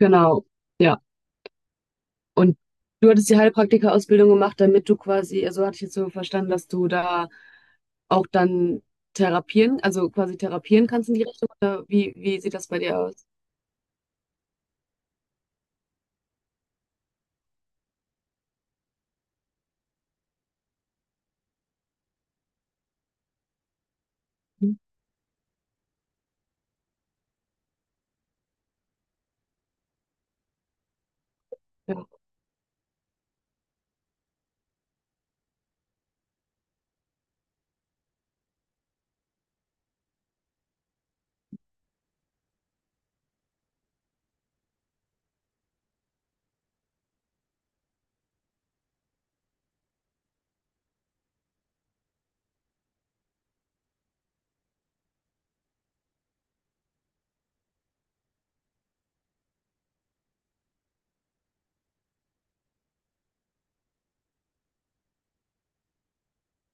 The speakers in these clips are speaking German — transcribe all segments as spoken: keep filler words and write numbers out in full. Genau, ja. Und du hattest die Heilpraktika-Ausbildung gemacht, damit du quasi, also hatte ich jetzt so verstanden, dass du da auch dann therapieren, also quasi therapieren kannst in die Richtung, oder wie, wie sieht das bei dir aus? Mhm. Ja,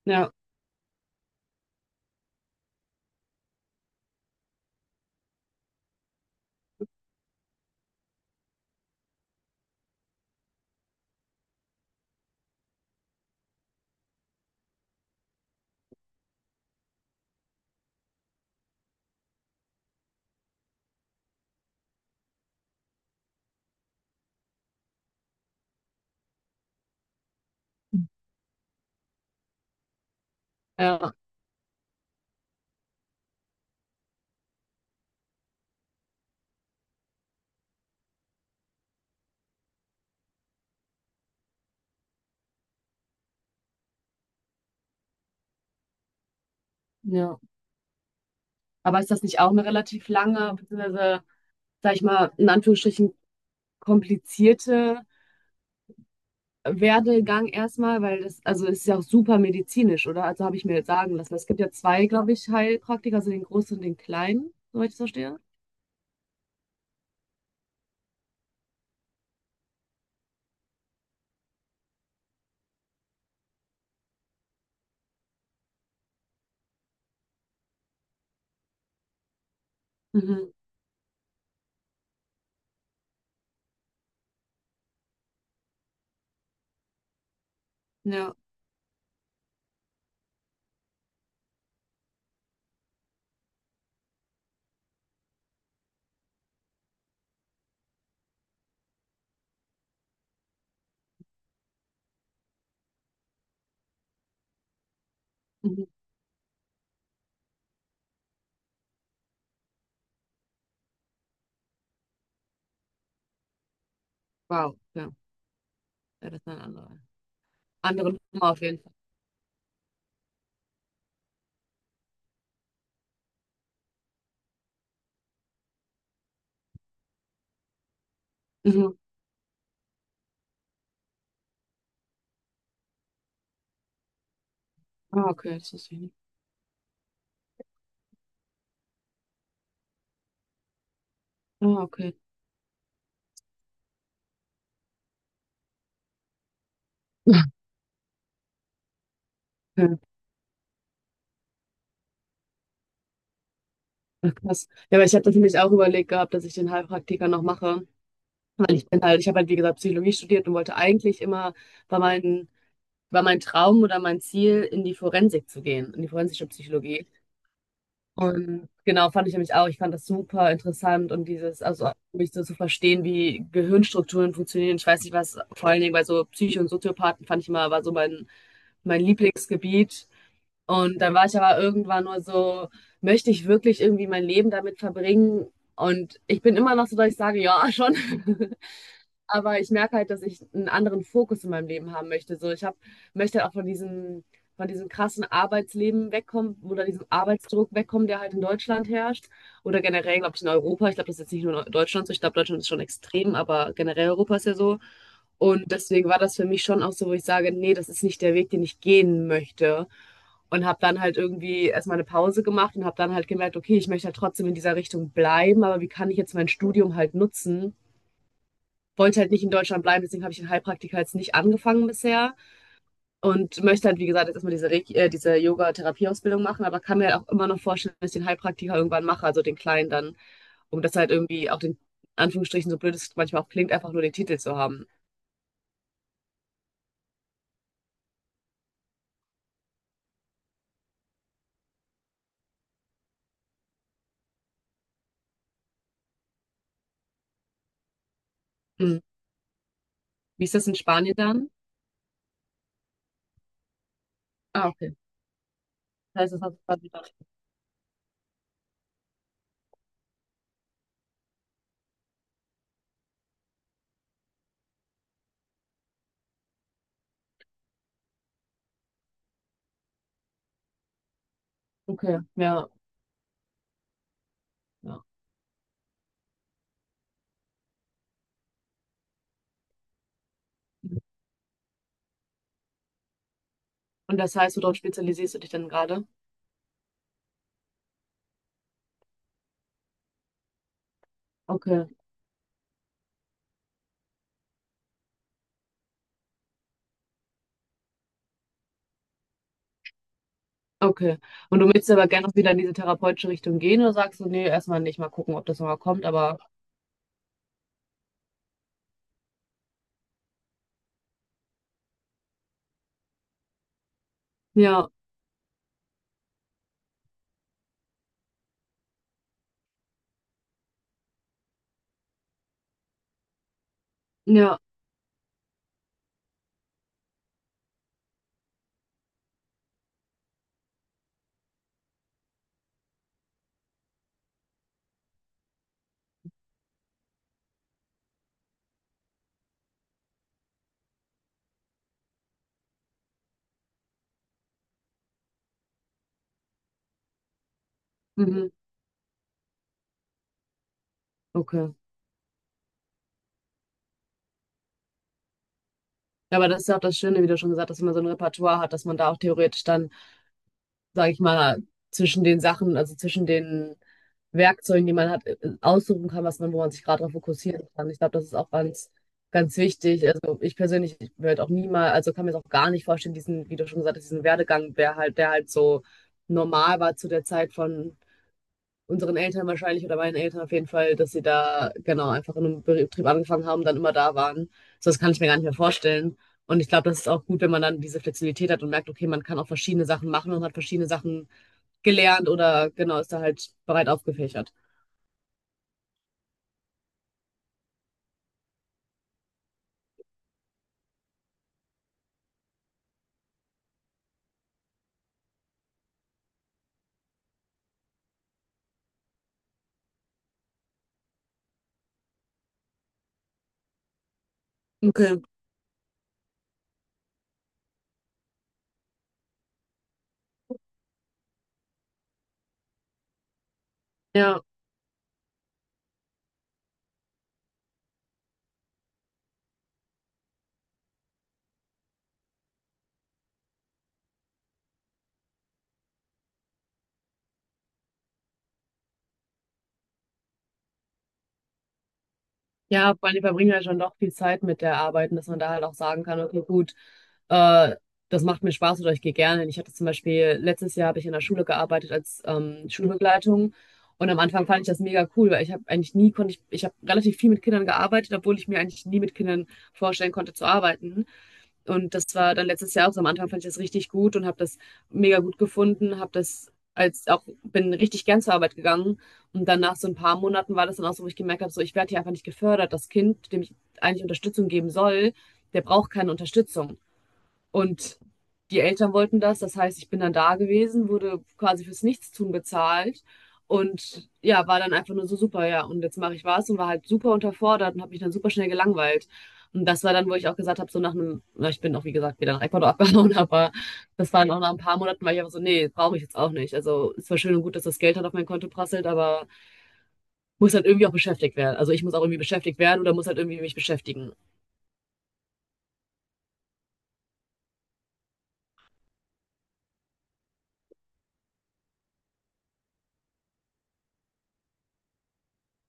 ja, ja. ja. Aber ist das nicht auch eine relativ lange, beziehungsweise, sag ich mal, in Anführungsstrichen komplizierte Werdegang erstmal, weil das, also es ist ja auch super medizinisch, oder? Also habe ich mir jetzt sagen lassen. Es gibt ja zwei, glaube ich, Heilpraktiker, also den großen und den kleinen, soweit ich das verstehe. Mhm. Ja. Mhm. Wow, ja. Ja, das ist eine andere. Andere Nummer auf jeden Fall. Mhm. Ah, okay, das wusste ich nicht. Ah, okay. Okay. Ach, krass. Ja, aber ich hatte nämlich auch überlegt gehabt, dass ich den Heilpraktiker noch mache. Weil ich bin halt, ich habe halt, wie gesagt, Psychologie studiert und wollte eigentlich immer bei meinen, war mein Traum oder mein Ziel, in die Forensik zu gehen, in die forensische Psychologie. Und genau, fand ich nämlich auch. Ich fand das super interessant und dieses, also mich so zu verstehen, wie Gehirnstrukturen funktionieren. Ich weiß nicht, was, vor allen Dingen bei so Psycho- und Soziopathen fand ich immer, war so mein, mein Lieblingsgebiet. Und dann war ich aber irgendwann nur so, möchte ich wirklich irgendwie mein Leben damit verbringen? Und ich bin immer noch so, dass ich sage, ja, schon. Aber ich merke halt, dass ich einen anderen Fokus in meinem Leben haben möchte. So, ich habe möchte halt auch von diesem von diesem krassen Arbeitsleben wegkommen oder diesem Arbeitsdruck wegkommen, der halt in Deutschland herrscht oder generell, glaube ich, in Europa. Ich glaube, das ist jetzt nicht nur in Deutschland so. Ich glaube, Deutschland ist schon extrem, aber generell Europa ist ja so. Und deswegen war das für mich schon auch so, wo ich sage: nee, das ist nicht der Weg, den ich gehen möchte.“ Und habe dann halt irgendwie erst mal 'ne Pause gemacht und habe dann halt gemerkt: „Okay, ich möchte halt trotzdem in dieser Richtung bleiben, aber wie kann ich jetzt mein Studium halt nutzen, wollte halt nicht in Deutschland bleiben, deswegen habe ich den Heilpraktiker jetzt nicht angefangen bisher und möchte halt, wie gesagt, jetzt erstmal diese, äh, diese Yoga-Therapieausbildung machen, aber kann mir halt auch immer noch vorstellen, dass ich den Heilpraktiker irgendwann mache, also den kleinen dann, um das halt irgendwie auch den, in Anführungsstrichen, so blöd es manchmal auch klingt, einfach nur den Titel zu haben. Mhm. Wie ist das in Spanien dann? Ah, okay. Das heißt, das hast du gerade wieder. Okay, ja. ja. Und das heißt, worauf spezialisierst du dich dann gerade? Okay, okay. Und du möchtest aber gerne auch wieder in diese therapeutische Richtung gehen oder sagst du, nee, erstmal nicht, mal gucken, ob das nochmal kommt, aber ja. Ja, mhm, okay. Ja, aber das ist ja auch das Schöne, wie du schon gesagt hast, wenn man so ein Repertoire hat, dass man da auch theoretisch dann, sage ich mal, zwischen den Sachen, also zwischen den Werkzeugen, die man hat, äh, aussuchen kann, was man, wo man sich gerade darauf fokussieren kann. Ich glaube, das ist auch ganz, ganz wichtig. Also ich persönlich werde auch niemals, also kann mir das auch gar nicht vorstellen, diesen, wie du schon gesagt hast, diesen Werdegang, der halt, der halt so normal war zu der Zeit von unseren Eltern wahrscheinlich oder meinen Eltern auf jeden Fall, dass sie da genau einfach in einem Betrieb angefangen haben, dann immer da waren. So, das kann ich mir gar nicht mehr vorstellen. Und ich glaube, das ist auch gut, wenn man dann diese Flexibilität hat und merkt, okay, man kann auch verschiedene Sachen machen und hat verschiedene Sachen gelernt oder genau, ist da halt breit aufgefächert. Okay. Ja. Ja, vor allem die verbringen ja schon doch viel Zeit mit der Arbeit und dass man da halt auch sagen kann, okay, gut, äh, das macht mir Spaß oder ich gehe gerne. Hin. Ich hatte zum Beispiel, letztes Jahr habe ich in der Schule gearbeitet als ähm, Schulbegleitung und am Anfang fand ich das mega cool, weil ich habe eigentlich nie, konnte ich, ich habe relativ viel mit Kindern gearbeitet, obwohl ich mir eigentlich nie mit Kindern vorstellen konnte zu arbeiten. Und das war dann letztes Jahr auch so. Am Anfang fand ich das richtig gut und habe das mega gut gefunden, habe das als auch, bin richtig gern zur Arbeit gegangen. Und dann nach so ein paar Monaten war das dann auch so, wo ich gemerkt habe, so ich werde hier einfach nicht gefördert. Das Kind, dem ich eigentlich Unterstützung geben soll, der braucht keine Unterstützung. Und die Eltern wollten das. Das heißt, ich bin dann da gewesen, wurde quasi fürs Nichtstun bezahlt und ja, war dann einfach nur so super, ja. Und jetzt mache ich was und war halt super unterfordert und habe mich dann super schnell gelangweilt. Und das war dann, wo ich auch gesagt habe, so nach einem, na, ich bin auch wie gesagt wieder nach Ecuador abgehauen, aber das war dann auch nach ein paar Monaten, weil ich einfach so, nee, brauche ich jetzt auch nicht. Also es war schön und gut, dass das Geld halt auf mein Konto prasselt, aber muss halt irgendwie auch beschäftigt werden. Also ich muss auch irgendwie beschäftigt werden oder muss halt irgendwie mich beschäftigen.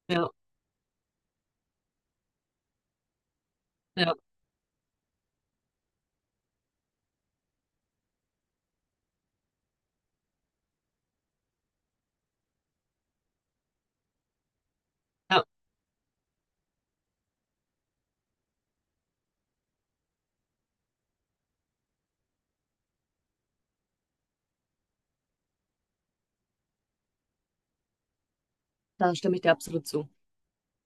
Ja, ja, ja, da stimme ich dir absolut zu.